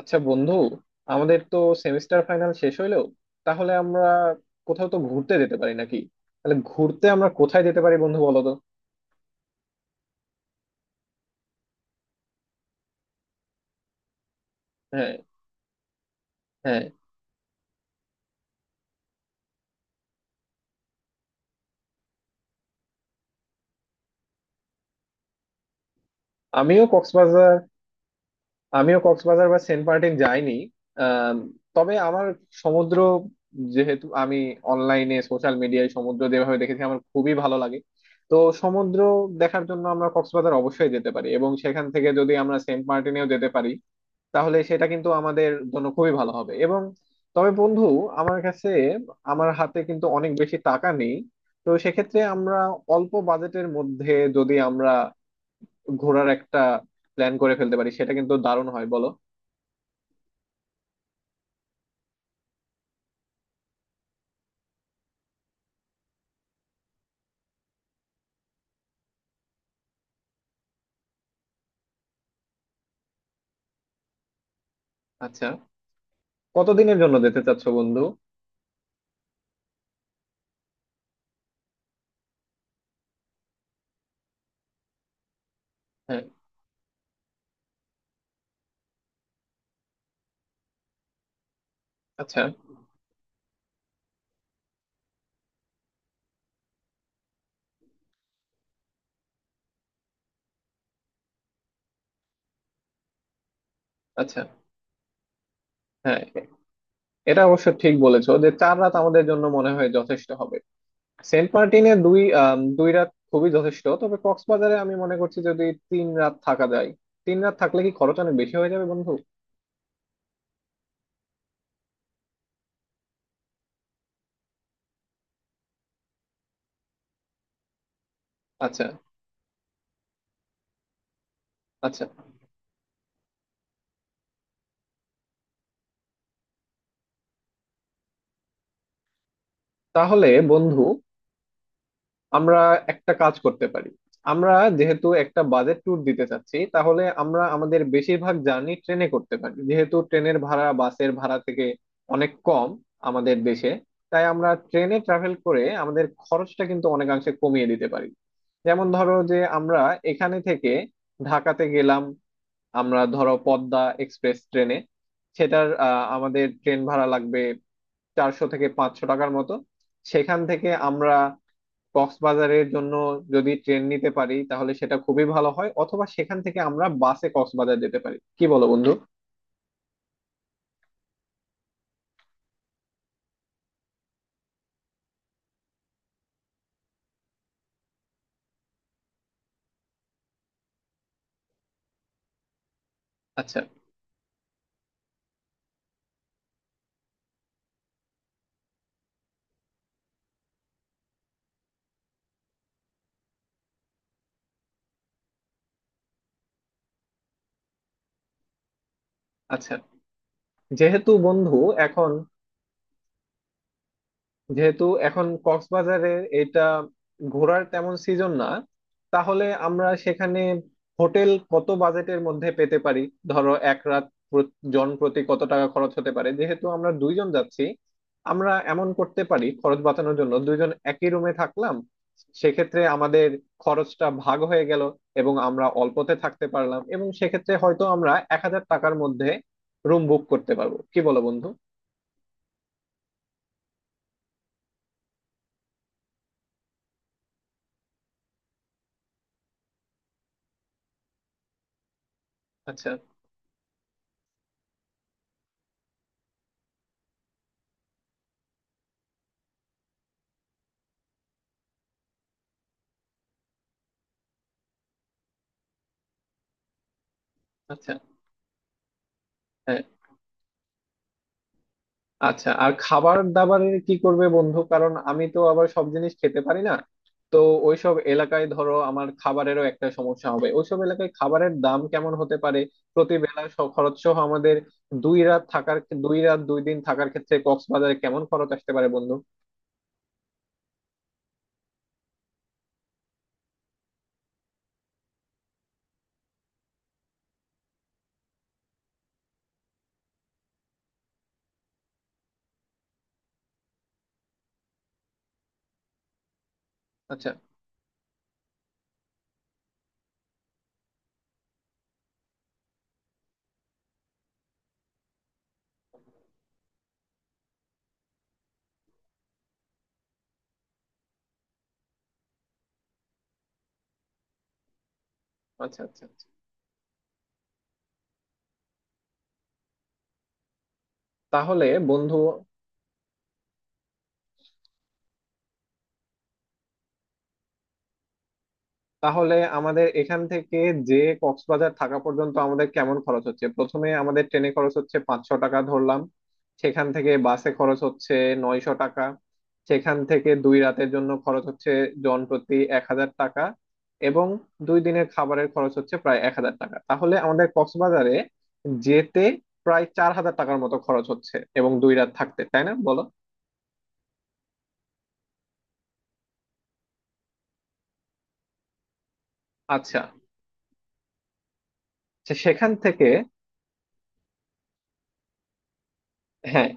আচ্ছা বন্ধু, আমাদের তো সেমিস্টার ফাইনাল শেষ হইলো। তাহলে আমরা কোথাও তো ঘুরতে যেতে পারি নাকি? তাহলে ঘুরতে আমরা কোথায় যেতে পারি বন্ধু, বলো তো। হ্যাঁ, হ্যাঁ, আমিও কক্সবাজার, আমিও কক্সবাজার বা সেন্ট মার্টিন যাইনি। আম, তবে আমার সমুদ্র, যেহেতু আমি অনলাইনে সোশ্যাল মিডিয়ায় সমুদ্র যেভাবে দেখেছি আমার খুবই ভালো লাগে। তো সমুদ্র দেখার জন্য আমরা কক্সবাজার অবশ্যই যেতে পারি, এবং সেখান থেকে যদি আমরা সেন্ট মার্টিনেও যেতে পারি তাহলে সেটা কিন্তু আমাদের জন্য খুবই ভালো হবে। এবং তবে বন্ধু, আমার কাছে আমার হাতে কিন্তু অনেক বেশি টাকা নেই। তো সেক্ষেত্রে আমরা, অল্প বাজেটের মধ্যে যদি আমরা ঘোরার একটা প্ল্যান করে ফেলতে পারি সেটা কিন্তু দারুণ হয়, বলো। আচ্ছা, কতদিনের জন্য যেতে চাচ্ছ বন্ধু? হ্যাঁ, আচ্ছা, আচ্ছা, হ্যাঁ এটা অবশ্য ঠিক বলেছো যে 4 রাত আমাদের জন্য মনে হয় যথেষ্ট হবে। সেন্ট মার্টিনে দুই রাত খুবই যথেষ্ট, তবে কক্সবাজারে আমি মনে করছি যদি 3 রাত থাকা যায়। তিন রাত থাকলে কি খরচ অনেক বেশি হয়ে যাবে বন্ধু? আচ্ছা, আচ্ছা, তাহলে বন্ধু, আমরা একটা কাজ করতে পারি। আমরা যেহেতু একটা বাজেট ট্যুর দিতে চাচ্ছি, তাহলে আমরা আমাদের বেশিরভাগ জার্নি ট্রেনে করতে পারি, যেহেতু ট্রেনের ভাড়া বাসের ভাড়া থেকে অনেক কম আমাদের দেশে। তাই আমরা ট্রেনে ট্রাভেল করে আমাদের খরচটা কিন্তু অনেকাংশে কমিয়ে দিতে পারি। যেমন ধরো যে আমরা এখানে থেকে ঢাকাতে গেলাম, আমরা ধরো পদ্মা এক্সপ্রেস ট্রেনে, সেটার আমাদের ট্রেন ভাড়া লাগবে 400 থেকে 500 টাকার মতো। সেখান থেকে আমরা কক্সবাজারের জন্য যদি ট্রেন নিতে পারি তাহলে সেটা খুবই ভালো হয়, অথবা সেখান থেকে আমরা বাসে কক্সবাজার যেতে পারি। কি বলো বন্ধু? আচ্ছা, আচ্ছা, যেহেতু বন্ধু এখন যেহেতু এখন কক্সবাজারে এটা ঘোরার তেমন সিজন না, তাহলে আমরা সেখানে হোটেল কত বাজেটের মধ্যে পেতে পারি? ধরো 1 রাত, জন প্রতি কত টাকা খরচ হতে পারে? যেহেতু আমরা 2 জন যাচ্ছি, আমরা এমন করতে পারি, খরচ বাঁচানোর জন্য 2 জন একই রুমে থাকলাম, সেক্ষেত্রে আমাদের খরচটা ভাগ হয়ে গেল, এবং আমরা অল্পতে থাকতে পারলাম, এবং সেক্ষেত্রে হয়তো আমরা 1000 টাকার মধ্যে রুম বুক করতে পারবো। কি বলো বন্ধু? আচ্ছা, আচ্ছা, হ্যাঁ। আচ্ছা, আর খাবার দাবারের কি করবে বন্ধু? কারণ আমি তো আবার সব জিনিস খেতে পারি না। তো ওইসব এলাকায় ধরো আমার খাবারেরও একটা সমস্যা হবে। ওইসব এলাকায় খাবারের দাম কেমন হতে পারে প্রতি বেলা খরচ সহ? আমাদের 2 রাত থাকার, 2 রাত 2 দিন থাকার ক্ষেত্রে কক্সবাজারে কেমন খরচ আসতে পারে বন্ধু? আচ্ছা, আচ্ছা, আচ্ছা, আচ্ছা। তাহলে বন্ধু তাহলে আমাদের এখান থেকে, যে, কক্সবাজার থাকা পর্যন্ত আমাদের কেমন খরচ হচ্ছে? প্রথমে আমাদের ট্রেনে খরচ হচ্ছে 500 টাকা ধরলাম, সেখান থেকে বাসে খরচ হচ্ছে 900 টাকা, সেখান থেকে 2 রাতের জন্য খরচ হচ্ছে জন প্রতি 1000 টাকা, এবং 2 দিনের খাবারের খরচ হচ্ছে প্রায় 1000 টাকা। তাহলে আমাদের কক্সবাজারে যেতে প্রায় 4000 টাকার মতো খরচ হচ্ছে এবং 2 রাত থাকতে, তাই না বলো? আচ্ছা, সেখান থেকে, হ্যাঁ,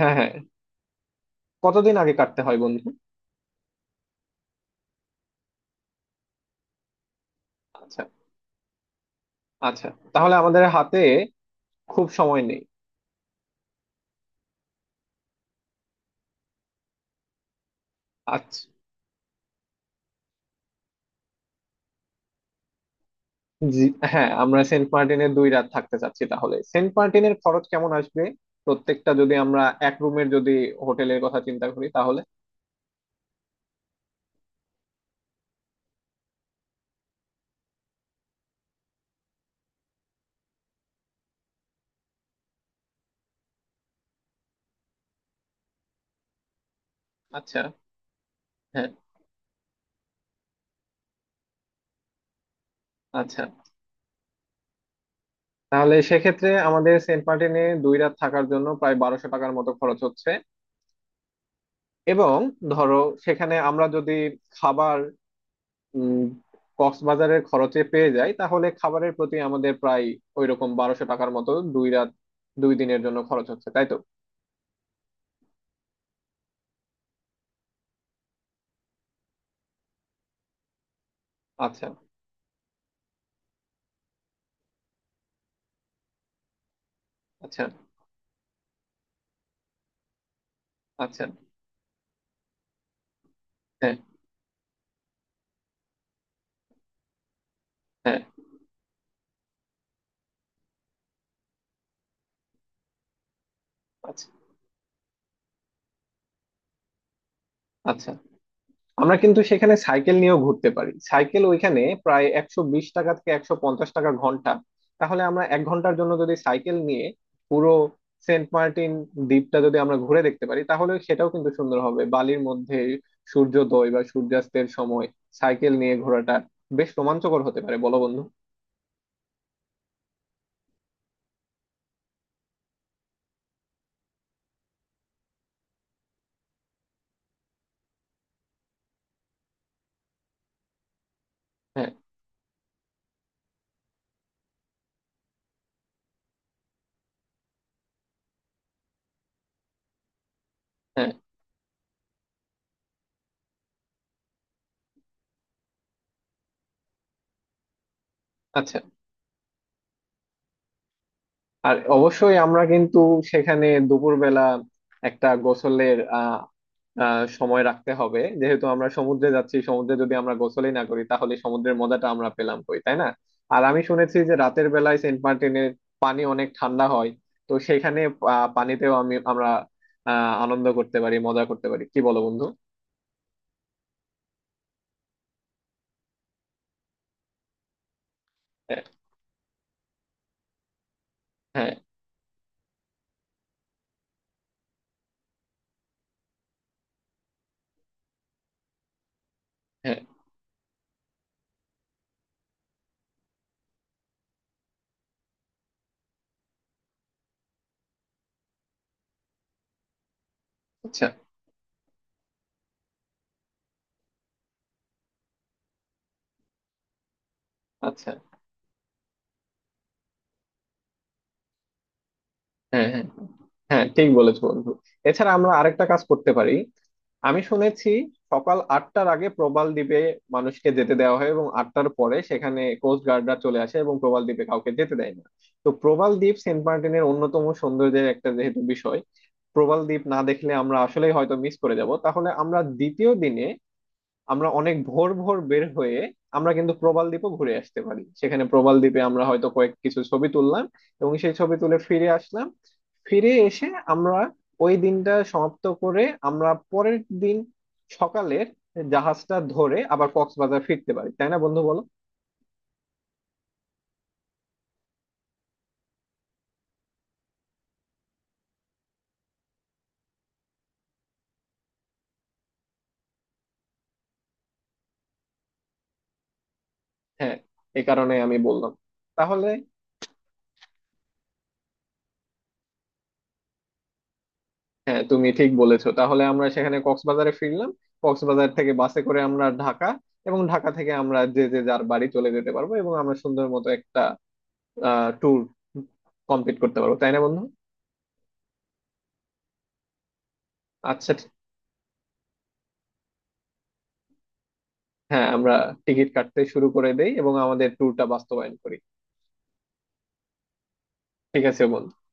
হ্যাঁ, হ্যাঁ। কতদিন আগে কাটতে হয় বন্ধু? আচ্ছা, আচ্ছা, তাহলে আমাদের হাতে খুব সময় নেই। আচ্ছা, হ্যাঁ, আমরা সেন্ট মার্টিনে 2 রাত থাকতে চাচ্ছি, তাহলে সেন্ট মার্টিনের খরচ কেমন আসবে প্রত্যেকটা? যদি আমরা এক রুমের যদি হোটেলের কথা চিন্তা করি তাহলে আচ্ছা, হ্যাঁ, আচ্ছা। তাহলে সেক্ষেত্রে আমাদের সেন্ট মার্টিনে দুই রাত থাকার জন্য প্রায় 1200 টাকার মতো খরচ হচ্ছে, এবং ধরো সেখানে আমরা যদি খাবার উম কক্সবাজারের খরচে পেয়ে যাই, তাহলে খাবারের প্রতি আমাদের প্রায় ওইরকম 1200 টাকার মতো 2 রাত 2 দিনের জন্য খরচ হচ্ছে, তাই তো? আচ্ছা, আচ্ছা, আচ্ছা, হ্যাঁ, হ্যাঁ, আচ্ছা, আচ্ছা। আমরা কিন্তু সেখানে সাইকেল নিয়েও ঘুরতে পারি। সাইকেল ওইখানে প্রায় 120 টাকা থেকে 150 টাকা ঘন্টা। তাহলে আমরা 1 ঘন্টার জন্য যদি সাইকেল নিয়ে পুরো সেন্ট মার্টিন দ্বীপটা যদি আমরা ঘুরে দেখতে পারি তাহলে সেটাও কিন্তু সুন্দর হবে। বালির মধ্যে সূর্যোদয় বা সূর্যাস্তের সময় সাইকেল নিয়ে ঘোরাটা বেশ রোমাঞ্চকর হতে পারে, বলো বন্ধু? হ্যাঁ, হ্যাঁ, আচ্ছা। আর অবশ্যই আমরা কিন্তু সেখানে দুপুরবেলা একটা গোসলের আহ আহ সময় রাখতে হবে, যেহেতু আমরা সমুদ্রে যাচ্ছি। সমুদ্রে যদি আমরা গোসলই না করি তাহলে সমুদ্রের মজাটা আমরা পেলাম কই, তাই না? আর আমি শুনেছি যে রাতের বেলায় সেন্ট মার্টিনের পানি অনেক ঠান্ডা হয়। তো সেখানে পানিতেও আমরা আনন্দ করতে পারি, মজা করতে পারি। কি বলো বন্ধু? হ্যাঁ, হ্যাঁ, হ্যাঁ, আচ্ছা, আচ্ছা, হ্যাঁ, হ্যাঁ, হ্যাঁ ঠিক বলেছো বন্ধু। এছাড়া আমরা আরেকটা কাজ করতে পারি। আমি শুনেছি সকাল 8টার আগে প্রবাল দ্বীপে মানুষকে যেতে দেওয়া হয়, এবং 8টার পরে সেখানে কোস্ট গার্ডরা চলে আসে এবং প্রবাল দ্বীপে কাউকে যেতে দেয় না। তো প্রবাল দ্বীপ সেন্ট মার্টিনের অন্যতম সৌন্দর্যের একটা যেহেতু বিষয়, প্রবাল দ্বীপ না দেখলে আমরা আসলেই হয়তো মিস করে যাব। তাহলে আমরা দ্বিতীয় দিনে আমরা অনেক ভোর ভোর বের হয়ে আমরা কিন্তু প্রবাল দ্বীপও ঘুরে আসতে পারি। সেখানে প্রবাল দ্বীপে আমরা হয়তো কয়েক কিছু ছবি তুললাম এবং সেই ছবি তুলে ফিরে আসলাম। ফিরে এসে আমরা ওই দিনটা সমাপ্ত করে আমরা পরের দিন সকালের জাহাজটা ধরে আবার কক্সবাজার ফিরতে পারি, তাই না বন্ধু, বলো? হ্যাঁ, এই কারণে আমি বললাম। তাহলে, হ্যাঁ, তুমি ঠিক বলেছো। তাহলে আমরা সেখানে কক্সবাজারে ফিরলাম, কক্সবাজার থেকে বাসে করে আমরা ঢাকা, এবং ঢাকা থেকে আমরা যে যে যার বাড়ি চলে যেতে পারবো, এবং আমরা সুন্দর মতো একটা ট্যুর কমপ্লিট করতে পারবো, তাই না বন্ধু? আচ্ছা, হ্যাঁ, আমরা টিকিট কাটতে শুরু করে দেই এবং আমাদের ট্যুরটা বাস্তবায়ন করি। ঠিক আছে বন্ধু।